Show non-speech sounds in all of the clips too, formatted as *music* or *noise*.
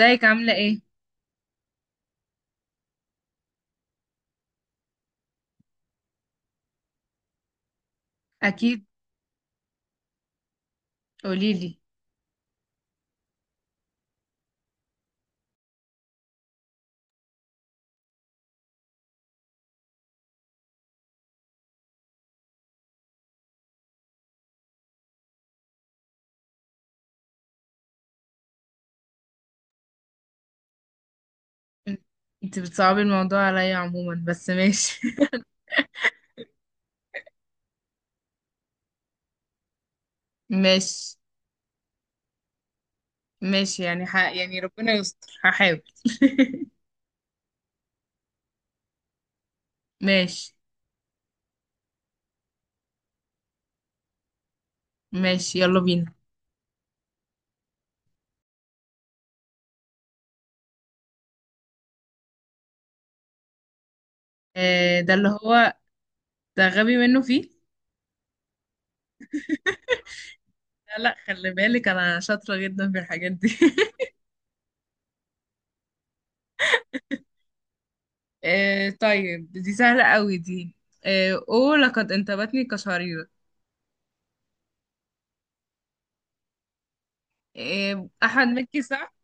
ازيك عاملة ايه؟ أكيد قوليلي. انت بتصعبي الموضوع عليا عموما بس ماشي *laughs* ماشي ماشي يعني يعني ربنا يستر هحاول *laughs* ماشي ماشي يلا بينا. آه ده اللي هو ده غبي منه فيه. لا لا خلي بالك، أنا شاطرة جدا في الحاجات دي *laughs* آه طيب دي سهلة قوي دي. آه أوه لقد انتابتني كشريرة. آه أحمد مكي صح؟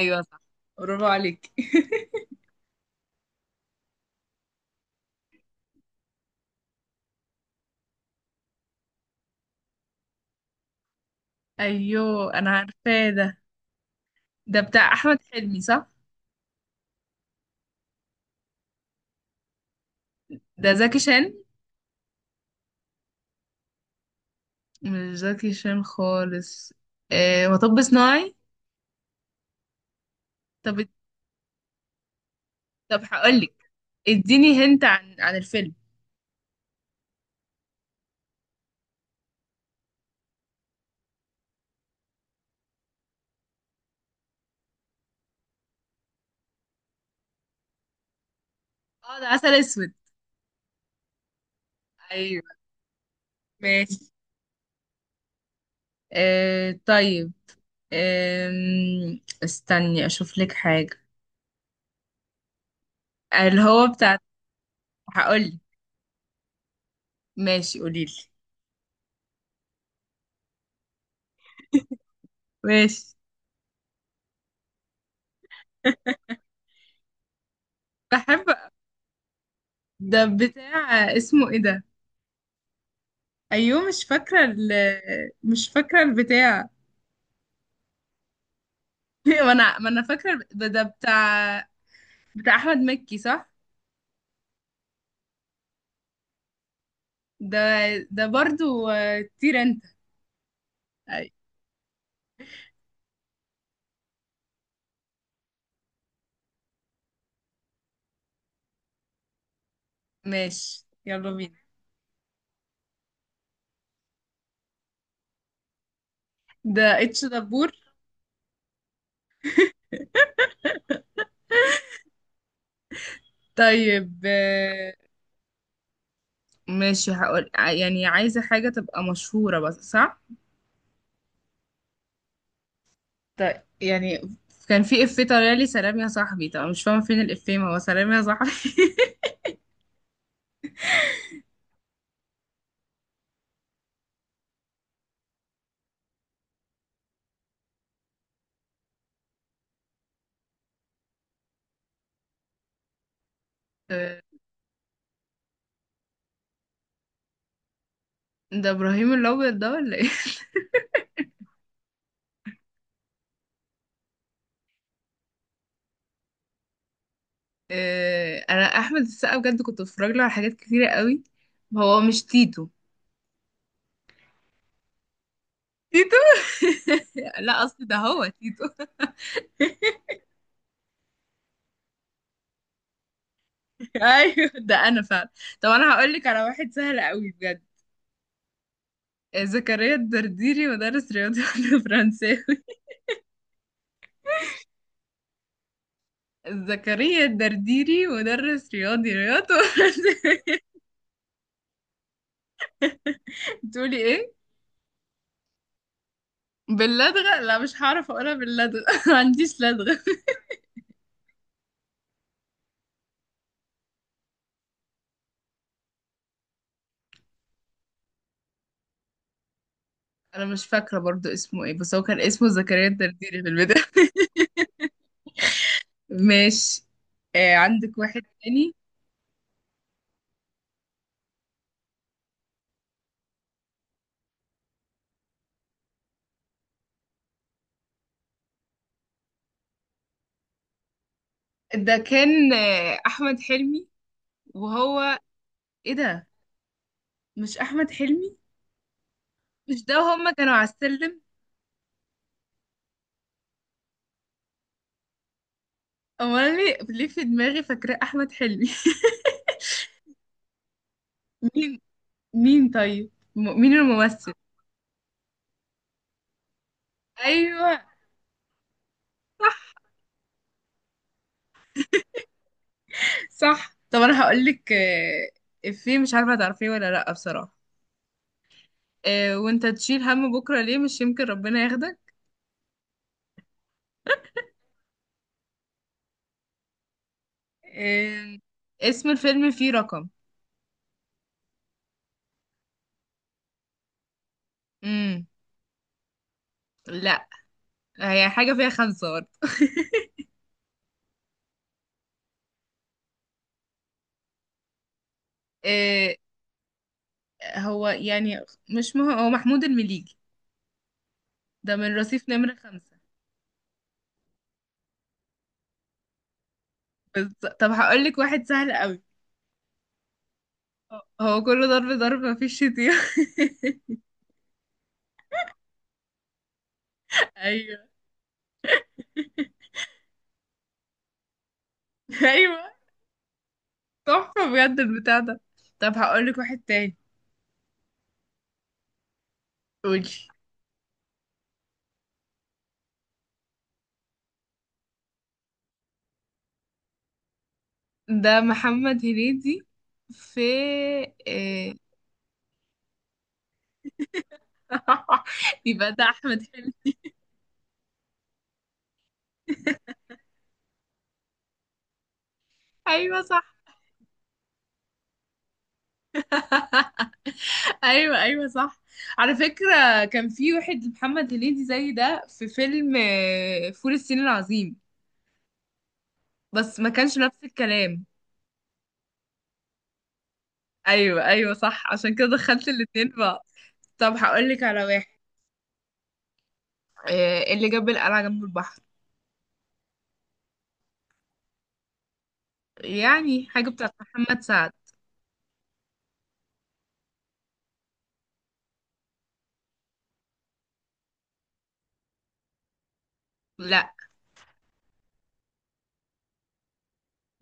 أيوه صح برافو عليك *laughs* أيوه أنا عارفاه ده. ده بتاع احمد حلمي صح؟ ده زكي شان. مش زكي شان خالص. آه مطب صناعي. طب طب هقولك. اديني هنت عن الفيلم. اه ده عسل اسود. ايوه. ماشي. آه طيب. استني اشوف لك حاجه. اللي هو بتاع. هقولك. ماشي قوليلي. ماشي *laughs* بحب. ده بتاع اسمه ايه ده؟ ايوه مش فاكره مش فاكره البتاع. *laughs* ما انا فاكره ده بتاع. بتاع احمد مكي صح؟ ده ده برضو طير انت. أي، ماشي يلا بينا. ده اتش دبور. طيب ماشي هقول يعني عايزه حاجه تبقى مشهوره بس صح. طيب يعني كان في افيه طالع لي سلام يا صاحبي. طب أنا مش فاهمه فين الافيه، ما هو سلام يا صاحبي *laughs* آه، ده ابراهيم الابيض ده ولا ايه؟ آه، انا احمد السقا بجد كنت بتفرج له على حاجات كتيره قوي. هو مش تيتو؟ تيتو. *laughs* لا اصل ده هو تيتو *laughs* ايوه ده انا فعلا. طب انا هقول لك على واحد سهل قوي بجد. زكريا الدرديري مدرس رياضي *laughs* ولا فرنساوي. زكريا الدرديري مدرس رياضي رياضي وفرنساوي. *laughs* تقولي ايه؟ باللدغة لا مش هعرف اقولها باللدغة *laughs* ما عنديش لدغة. انا مش فاكرة برضو اسمه ايه، بس هو كان اسمه زكريا الدرديري في البداية. *laughs* ماشي. آه عندك واحد تاني. ده كان احمد حلمي. وهو ايه ده؟ مش احمد حلمي. مش ده هما كانوا على السلم. امال ليه؟ ليه في دماغي فاكرة احمد حلمي؟ *laughs* مين؟ مين طيب؟ مين الممثل؟ ايوه صح. طب انا هقول لك افيه مش عارفه هتعرفيه ولا لا بصراحه. آه، وانت تشيل هم بكره ليه، مش يمكن ربنا ياخدك. آه، اسم الفيلم فيه رقم. امم. لا. هي حاجه فيها خمسه برضه. *laughs* آه، هو يعني مش هو محمود المليجي. ده من رصيف نمرة خمسة. بز... طب هقول لك واحد سهل قوي. هو كله ضرب ضرب مفيش شتيمة. *laughs* ايوه ايوه تحفة بجد البتاع ده. طب هقول لك واحد تاني. قولي. ده محمد هنيدي. في إيه... *laughs* يبقى ده احمد حلمي. *laughs* ايوه صح. *laughs* ايوه ايوه صح. على فكرة كان في واحد محمد هنيدي زي ده في فيلم فول الصين العظيم. بس ما كانش نفس الكلام. ايوه ايوه صح عشان كده دخلت الاتنين في بعض. طب هقول لك على واحد. إيه اللي جاب القلعة جنب البحر؟ يعني حاجة بتاعت محمد سعد. لا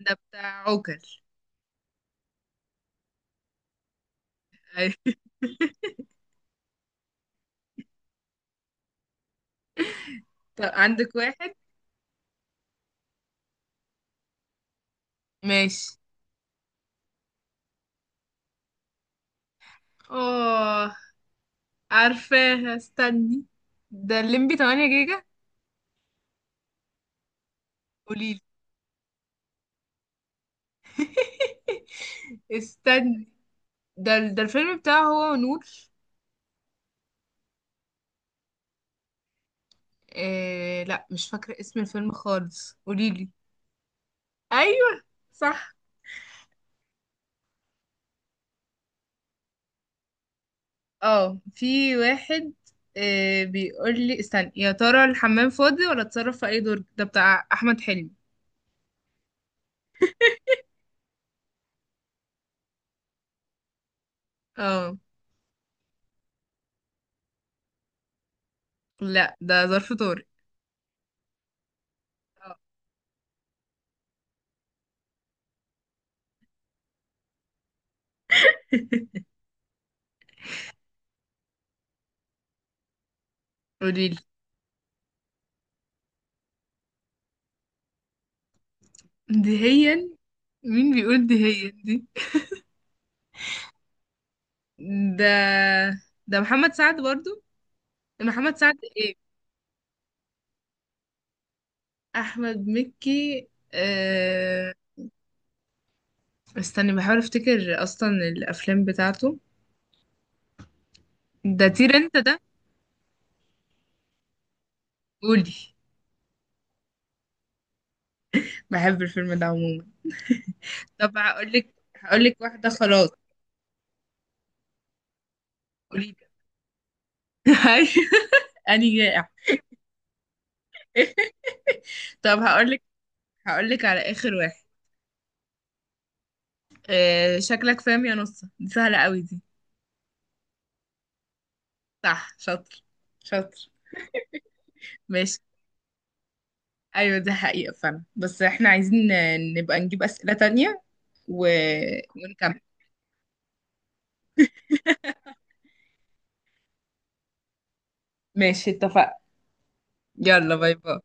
ده بتاع عوكل. أيوة. *laughs* طب عندك واحد. ماشي. اه عارفاها استني. ده الليمبي 8 جيجا. قوليلي. *laughs* استني. ده الفيلم بتاعه هو ونور. إيه لا مش فاكرة اسم الفيلم خالص قوليلي. ايوه صح. اه في واحد. آه بيقول لي استنى، يا ترى الحمام فاضي ولا اتصرف في اي دور. ده بتاع احمد حلمي. اه. لا ده ظرف طارق. اه. قوليلي. دهيا. مين بيقول دهيا دي؟ *laughs* ده محمد سعد برضو. محمد سعد ايه؟ احمد مكي. آه... استني بحاول افتكر اصلا الافلام بتاعته. ده طير انت ده. قولي. بحب الفيلم ده عموما. طب هقولك واحدة خلاص. قولي. هاي. *laughs* أني جائع. *laughs* طب هقولك على آخر واحد. آه شكلك فاهم يا نصة، دي سهلة قوي دي. صح شاطر شاطر. ماشي. أيوة دي حقيقة فعلا، بس احنا عايزين نبقى نجيب أسئلة تانية و... ونكمل. *laughs* ماشي اتفقنا. يلا باي باي.